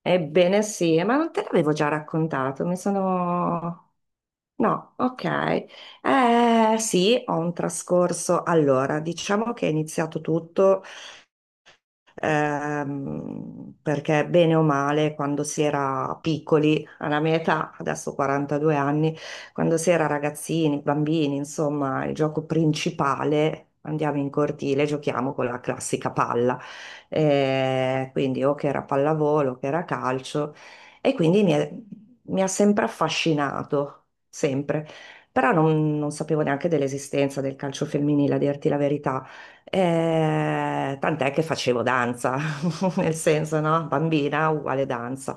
Ebbene sì, ma non te l'avevo già raccontato? No, ok. Eh sì, ho un trascorso. Allora, diciamo che è iniziato tutto perché bene o male, quando si era piccoli, alla mia età, adesso ho 42 anni, quando si era ragazzini, bambini, insomma, il gioco principale. Andiamo in cortile, giochiamo con la classica palla, eh, quindi o che era pallavolo, o che era calcio, e mi ha sempre affascinato, sempre. Però non sapevo neanche dell'esistenza del calcio femminile, a dirti la verità. Tant'è che facevo danza, nel senso, no? Bambina uguale danza.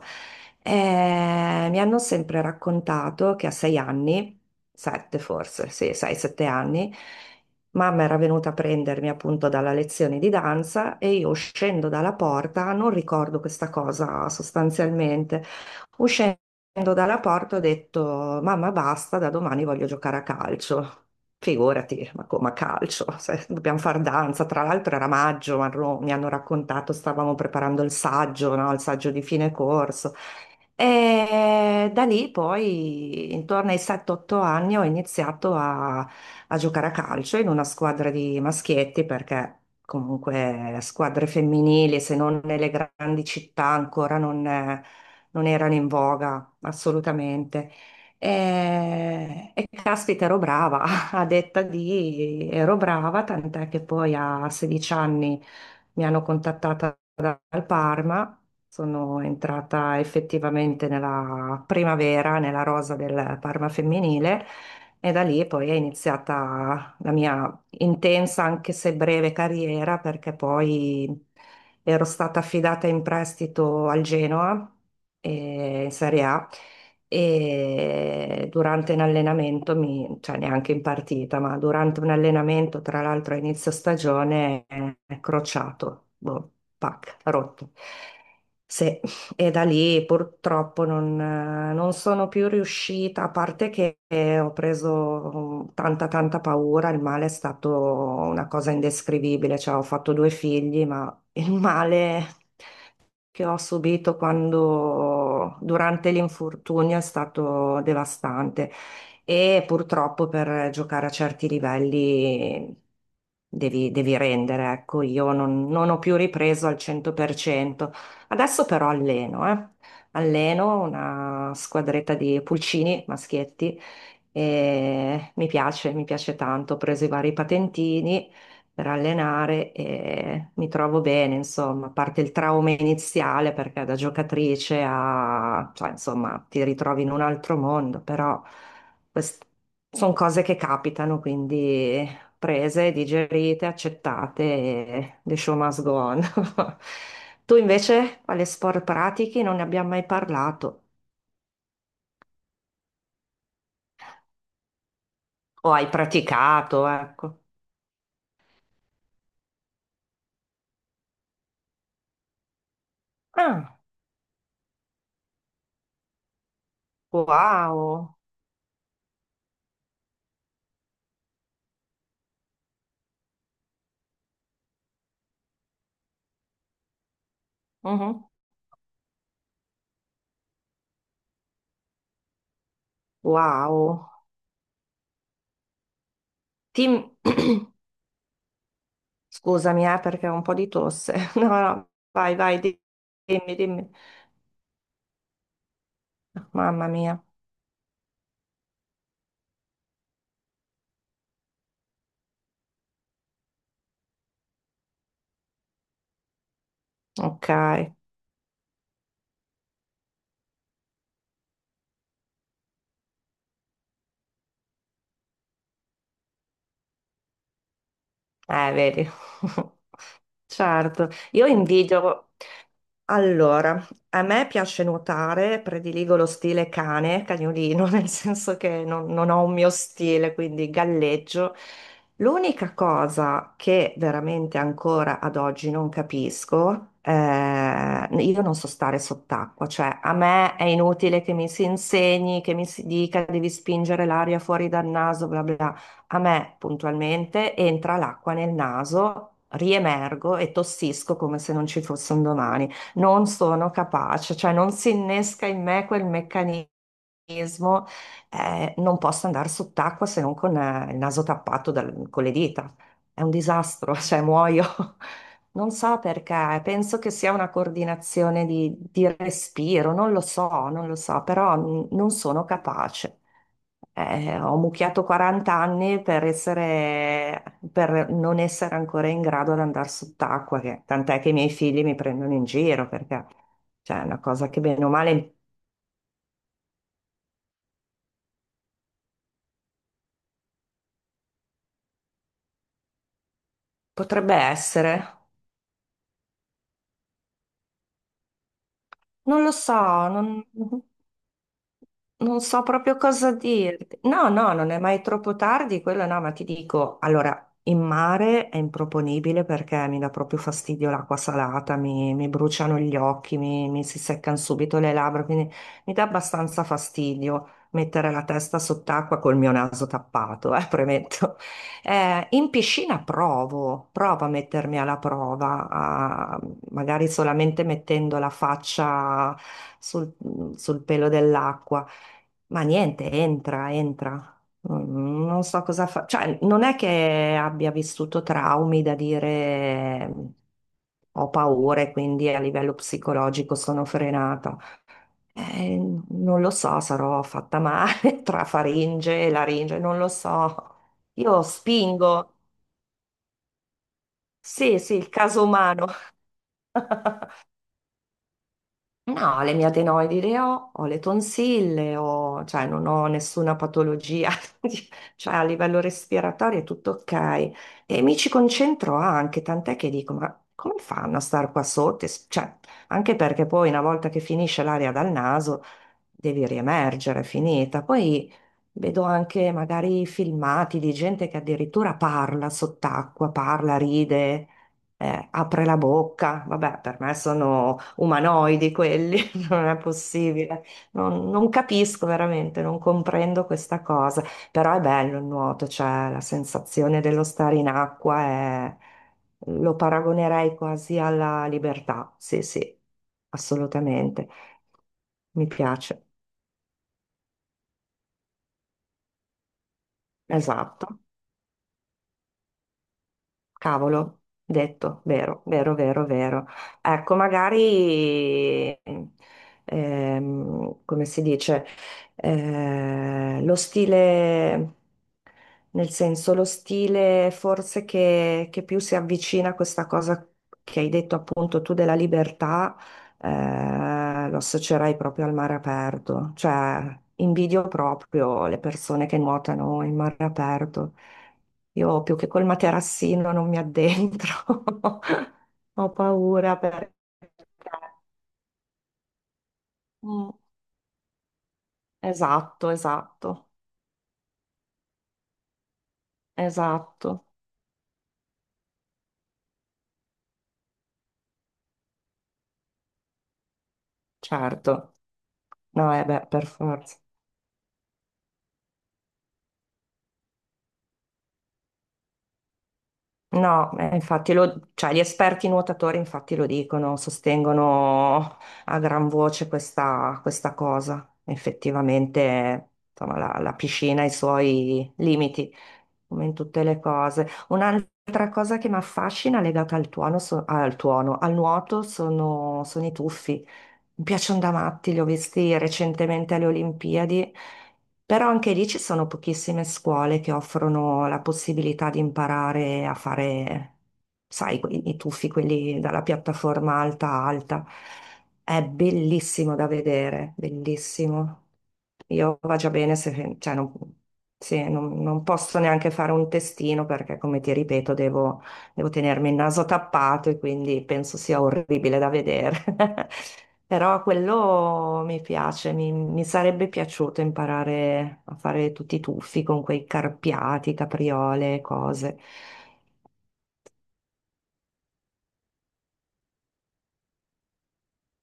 Mi hanno sempre raccontato che a 6 anni, sette forse, sì, 6, 7 anni, mamma era venuta a prendermi appunto dalla lezione di danza e io uscendo dalla porta, non ricordo questa cosa sostanzialmente, uscendo dalla porta ho detto, mamma, basta, da domani voglio giocare a calcio. Figurati, ma come a calcio? Se dobbiamo far danza. Tra l'altro era maggio, ma mi hanno raccontato, stavamo preparando il saggio, no? Il saggio di fine corso. E da lì poi, intorno ai 7-8 anni, ho iniziato a giocare a calcio in una squadra di maschietti, perché comunque squadre femminili, se non nelle grandi città, ancora non, non erano in voga, assolutamente. E caspita, ero brava, a detta di ero brava, tant'è che poi a 16 anni mi hanno contattata dal Parma. Sono entrata effettivamente nella primavera, nella rosa del Parma femminile e da lì poi è iniziata la mia intensa, anche se breve, carriera perché poi ero stata affidata in prestito al Genoa, in Serie A e durante un allenamento, cioè neanche in partita, ma durante un allenamento, tra l'altro a inizio stagione, è crociato, boh, pac, rotto. Sì, e da lì purtroppo non sono più riuscita, a parte che ho preso tanta tanta paura, il male è stato una cosa indescrivibile, cioè ho fatto 2 figli, ma il male che ho subito quando durante l'infortunio è stato devastante e purtroppo per giocare a certi livelli devi rendere, ecco, io non ho più ripreso al 100%. Adesso però alleno, eh. Alleno una squadretta di pulcini, maschietti, e mi piace tanto, ho preso i vari patentini per allenare e mi trovo bene, insomma, a parte il trauma iniziale perché da giocatrice a, cioè, insomma, ti ritrovi in un altro mondo, però sono cose che capitano, quindi prese, digerite, accettate e the show must go on. Tu invece, quale sport pratichi? Non ne abbiamo mai parlato. O hai praticato, ecco. Ah, wow. Mhm. Wow. Team scusami, perché ho un po' di tosse. No, no, vai, vai, dimmi, dimmi. Mamma mia. Ok. Vedi. Certo. Io invidio. Allora, a me piace nuotare, prediligo lo stile cane, cagnolino, nel senso che non ho un mio stile, quindi galleggio. L'unica cosa che veramente ancora ad oggi non capisco, io non so stare sott'acqua, cioè a me è inutile che mi si insegni, che mi si dica devi spingere l'aria fuori dal naso, bla bla. Bla. A me puntualmente entra l'acqua nel naso, riemergo e tossisco come se non ci fosse un domani. Non sono capace, cioè non si innesca in me quel meccanismo, organismo, non possa andare sott'acqua se non con il naso tappato con le dita. È un disastro, cioè muoio. Non so perché, penso che sia una coordinazione di respiro, non lo so, non lo so, però non sono capace. Ho mucchiato 40 anni per essere, per non essere ancora in grado ad andare sott'acqua, tant'è che i miei figli mi prendono in giro perché cioè, è una cosa che bene o male potrebbe essere. Non lo so, non, non so proprio cosa dirti. No, no, non è mai troppo tardi, quello no, ma ti dico, allora, in mare è improponibile perché mi dà proprio fastidio l'acqua salata, mi bruciano gli occhi, mi si seccano subito le labbra, quindi mi dà abbastanza fastidio mettere la testa sott'acqua col mio naso tappato, premetto. In piscina provo, provo a mettermi alla prova, magari solamente mettendo la faccia sul, sul pelo dell'acqua, ma niente, entra, entra. Mm, non so cosa fa, cioè non è che abbia vissuto traumi da dire ho paura e quindi a livello psicologico sono frenata. Eh, non lo so, sarò fatta male tra faringe e laringe, non lo so. Io spingo. Sì, sì, il caso umano. No, le mie adenoidi le ho, ho le tonsille, ho, cioè non ho nessuna patologia, di- cioè a livello respiratorio è tutto ok. E mi ci concentro anche, tant'è che dico, ma come fanno a star qua sotto? Cioè, anche perché poi una volta che finisce l'aria dal naso devi riemergere, è finita. Poi vedo anche magari filmati di gente che addirittura parla sott'acqua, parla, ride, apre la bocca. Vabbè, per me sono umanoidi quelli, non è possibile. Non capisco veramente, non comprendo questa cosa, però è bello il nuoto, cioè la sensazione dello stare in acqua lo paragonerei quasi alla libertà, sì, sì, assolutamente, mi piace, esatto. Cavolo, detto, vero, vero, vero, vero. Ecco, magari, come si dice, lo stile, nel senso, lo stile forse che più si avvicina a questa cosa che hai detto appunto tu della libertà, lo associerei proprio al mare aperto, cioè invidio proprio le persone che nuotano in mare aperto. Io più che col materassino non mi addentro, ho paura perché... Mm, esatto, esatto, esatto, certo. No, eh beh, per forza. No, infatti lo, cioè, gli esperti nuotatori infatti lo dicono, sostengono a gran voce questa, questa cosa. Effettivamente, insomma, la piscina ha i suoi limiti, come in tutte le cose. Un'altra cosa che mi affascina legata al tuono, al nuoto sono, sono i tuffi. Mi piacciono da matti, li ho visti recentemente alle Olimpiadi, però anche lì ci sono pochissime scuole che offrono la possibilità di imparare a fare, sai, i tuffi, quelli dalla piattaforma alta a alta. È bellissimo da vedere, bellissimo. Io va già bene se, cioè, non, sì, non non posso neanche fare un testino perché, come ti ripeto, devo devo tenermi il naso tappato e quindi penso sia orribile da vedere. Però quello mi piace, mi sarebbe piaciuto imparare a fare tutti i tuffi con quei carpiati, capriole, cose.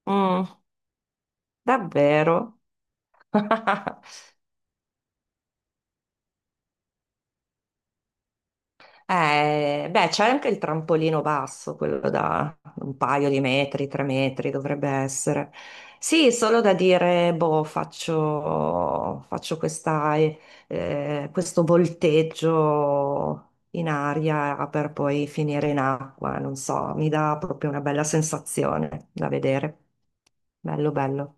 Mm, davvero? Beh, c'è anche il trampolino basso, quello da un paio di metri, tre metri dovrebbe essere. Sì, solo da dire, boh, faccio, faccio questa, questo volteggio in aria per poi finire in acqua, non so, mi dà proprio una bella sensazione da vedere. Bello, bello.